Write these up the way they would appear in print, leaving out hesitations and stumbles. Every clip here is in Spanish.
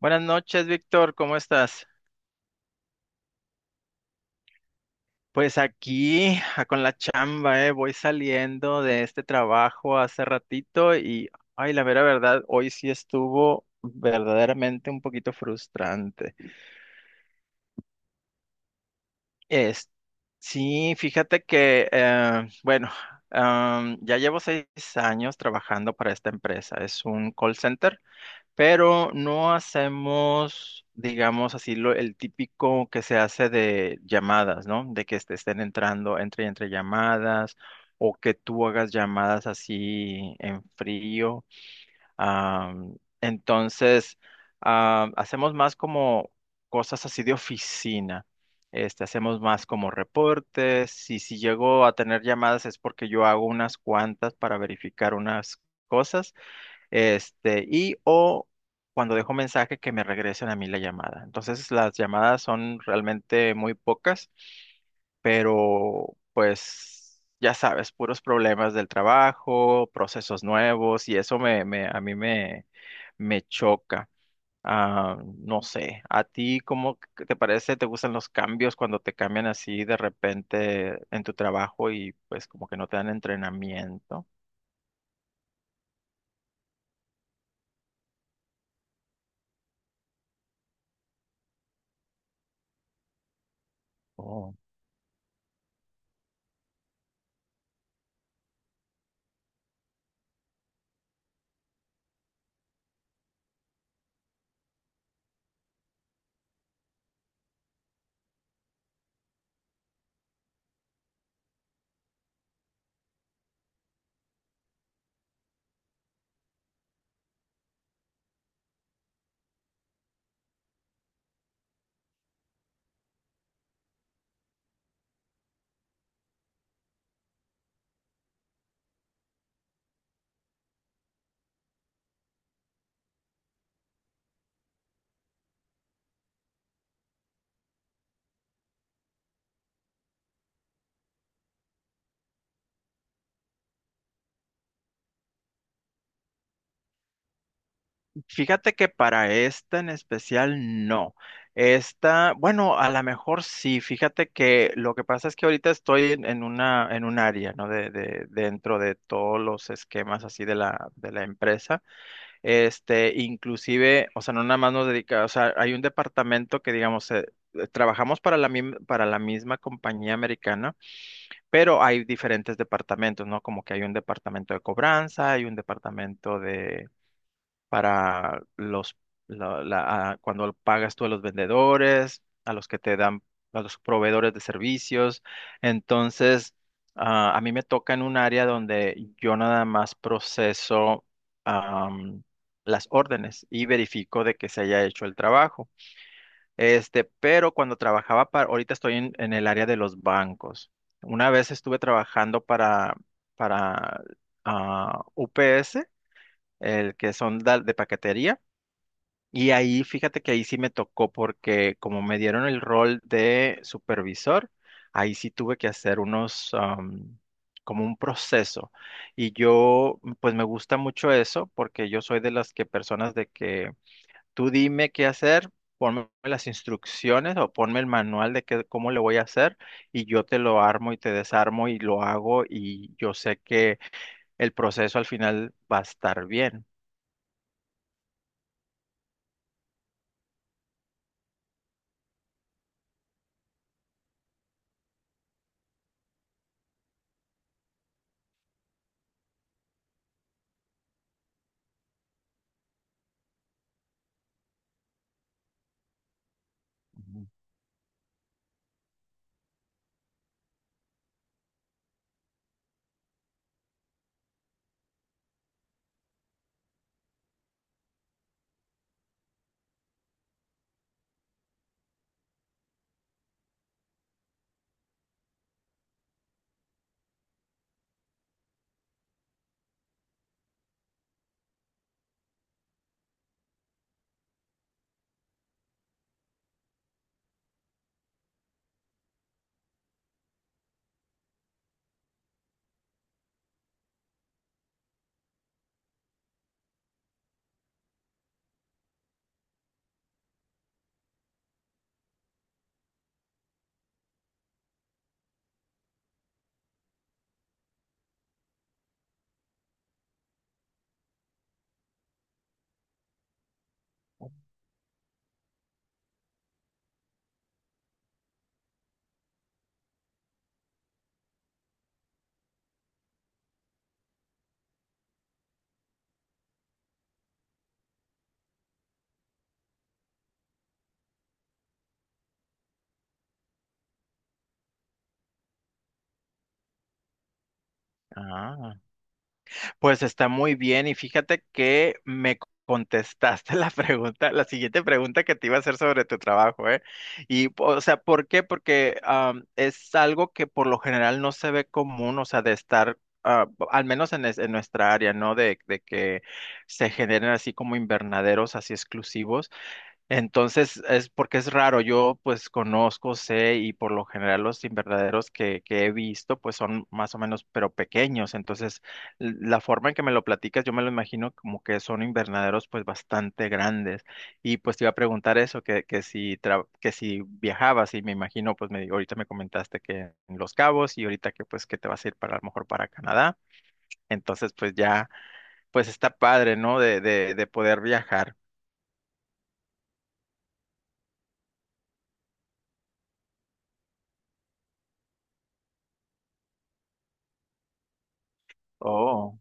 Buenas noches, Víctor, ¿cómo estás? Pues aquí con la chamba, voy saliendo de este trabajo hace ratito y, ay, la vera verdad, hoy sí estuvo verdaderamente un poquito frustrante. Es, sí, fíjate que, bueno, ya llevo seis años trabajando para esta empresa, es un call center. Pero no hacemos, digamos así, el típico que se hace de llamadas, ¿no? De que te estén entrando entre y entre llamadas o que tú hagas llamadas así en frío. Am, entonces, Hacemos más como cosas así de oficina. Este, hacemos más como reportes y si llego a tener llamadas es porque yo hago unas cuantas para verificar unas cosas este, o cuando dejo mensaje que me regresen a mí la llamada. Entonces las llamadas son realmente muy pocas, pero pues ya sabes, puros problemas del trabajo, procesos nuevos y eso me choca. No sé, ¿a ti cómo que te parece? ¿Te gustan los cambios cuando te cambian así de repente en tu trabajo y pues como que no te dan entrenamiento? Fíjate que para esta en especial no. Esta, bueno, a lo mejor sí. Fíjate que lo que pasa es que ahorita estoy en una, en un área, ¿no? Dentro de todos los esquemas así de de la empresa. Este, inclusive, o sea, no nada más nos dedica, o sea, hay un departamento que, digamos, trabajamos para para la misma compañía americana, pero hay diferentes departamentos, ¿no? Como que hay un departamento de cobranza, hay un departamento para los cuando pagas tú a los vendedores, a los que te dan, a los proveedores de servicios. Entonces, a mí me toca en un área donde yo nada más proceso am, las órdenes y verifico de que se haya hecho el trabajo. Este, pero cuando trabajaba para, ahorita estoy en el área de los bancos. Una vez estuve trabajando para UPS, el que son de paquetería. Y ahí, fíjate que ahí sí me tocó porque como me dieron el rol de supervisor, ahí sí tuve que hacer unos, como un proceso. Y yo, pues me gusta mucho eso porque yo soy de las que personas de que tú dime qué hacer, ponme las instrucciones o ponme el manual de cómo le voy a hacer y yo te lo armo y te desarmo y lo hago y yo sé que el proceso al final va a estar bien. Ujú. Ah. Pues está muy bien y fíjate que me contestaste la pregunta, la siguiente pregunta que te iba a hacer sobre tu trabajo, ¿eh? Y, o sea, ¿por qué? Porque es algo que por lo general no se ve común, o sea, de estar, al menos en, en nuestra área, ¿no? De que se generen así como invernaderos así exclusivos. Entonces, es porque es raro, yo pues conozco, sé y por lo general los invernaderos que he visto pues son más o menos pero pequeños, entonces la forma en que me lo platicas yo me lo imagino como que son invernaderos pues bastante grandes y pues te iba a preguntar eso, que si, que si viajabas y me imagino pues me, ahorita me comentaste que en Los Cabos y ahorita que pues que te vas a ir para a lo mejor para Canadá, entonces pues ya pues está padre, ¿no? De poder viajar. Oh.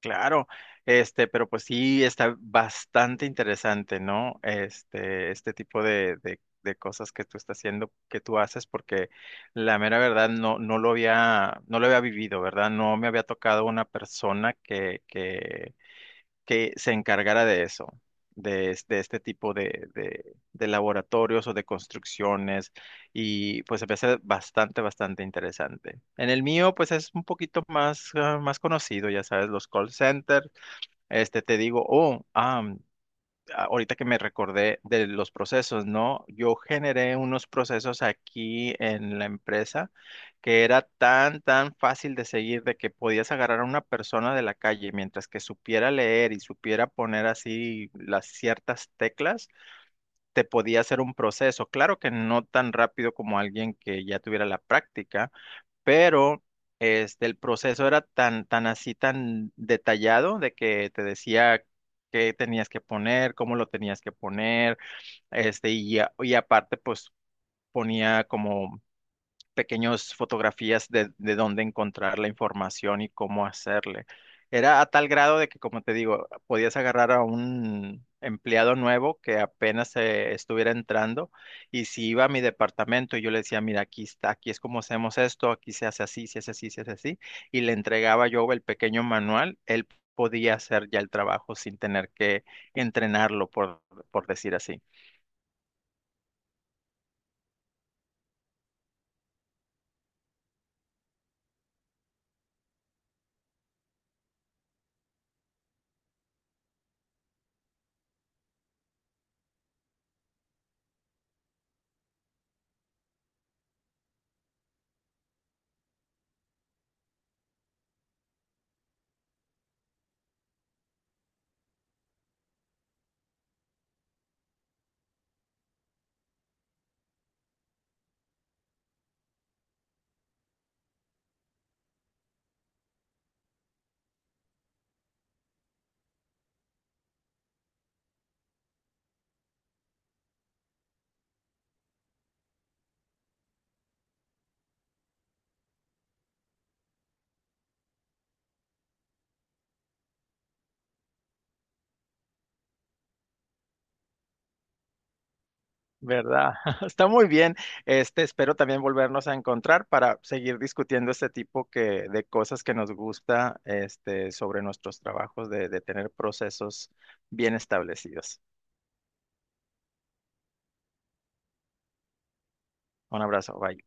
Claro, este, pero pues sí está bastante interesante, ¿no? Este tipo de cosas que tú estás haciendo, que tú haces, porque la mera verdad no lo había, no lo había vivido, ¿verdad? No me había tocado una persona que que se encargara de eso, de, de este tipo de, de laboratorios o de construcciones y pues se me hace bastante, bastante interesante. En el mío pues es un poquito más, más conocido, ya sabes, los call centers, este te digo, ahorita que me recordé de los procesos, ¿no? Yo generé unos procesos aquí en la empresa que era tan, tan fácil de seguir de que podías agarrar a una persona de la calle mientras que supiera leer y supiera poner así las ciertas teclas, te podía hacer un proceso. Claro que no tan rápido como alguien que ya tuviera la práctica pero este, el proceso era tan, tan así, tan detallado de que te decía qué tenías que poner, cómo lo tenías que poner, este, y aparte pues ponía como pequeños fotografías de dónde encontrar la información y cómo hacerle. Era a tal grado de que, como te digo, podías agarrar a un empleado nuevo que apenas estuviera entrando y si iba a mi departamento y yo le decía, mira, aquí está, aquí es como hacemos esto, aquí se hace así, se hace así, se hace así, y le entregaba yo el pequeño manual, él podía hacer ya el trabajo sin tener que entrenarlo, por decir así. ¿Verdad? Está muy bien. Este, espero también volvernos a encontrar para seguir discutiendo este tipo que, de cosas que nos gusta, este, sobre nuestros trabajos, de tener procesos bien establecidos. Un abrazo, bye.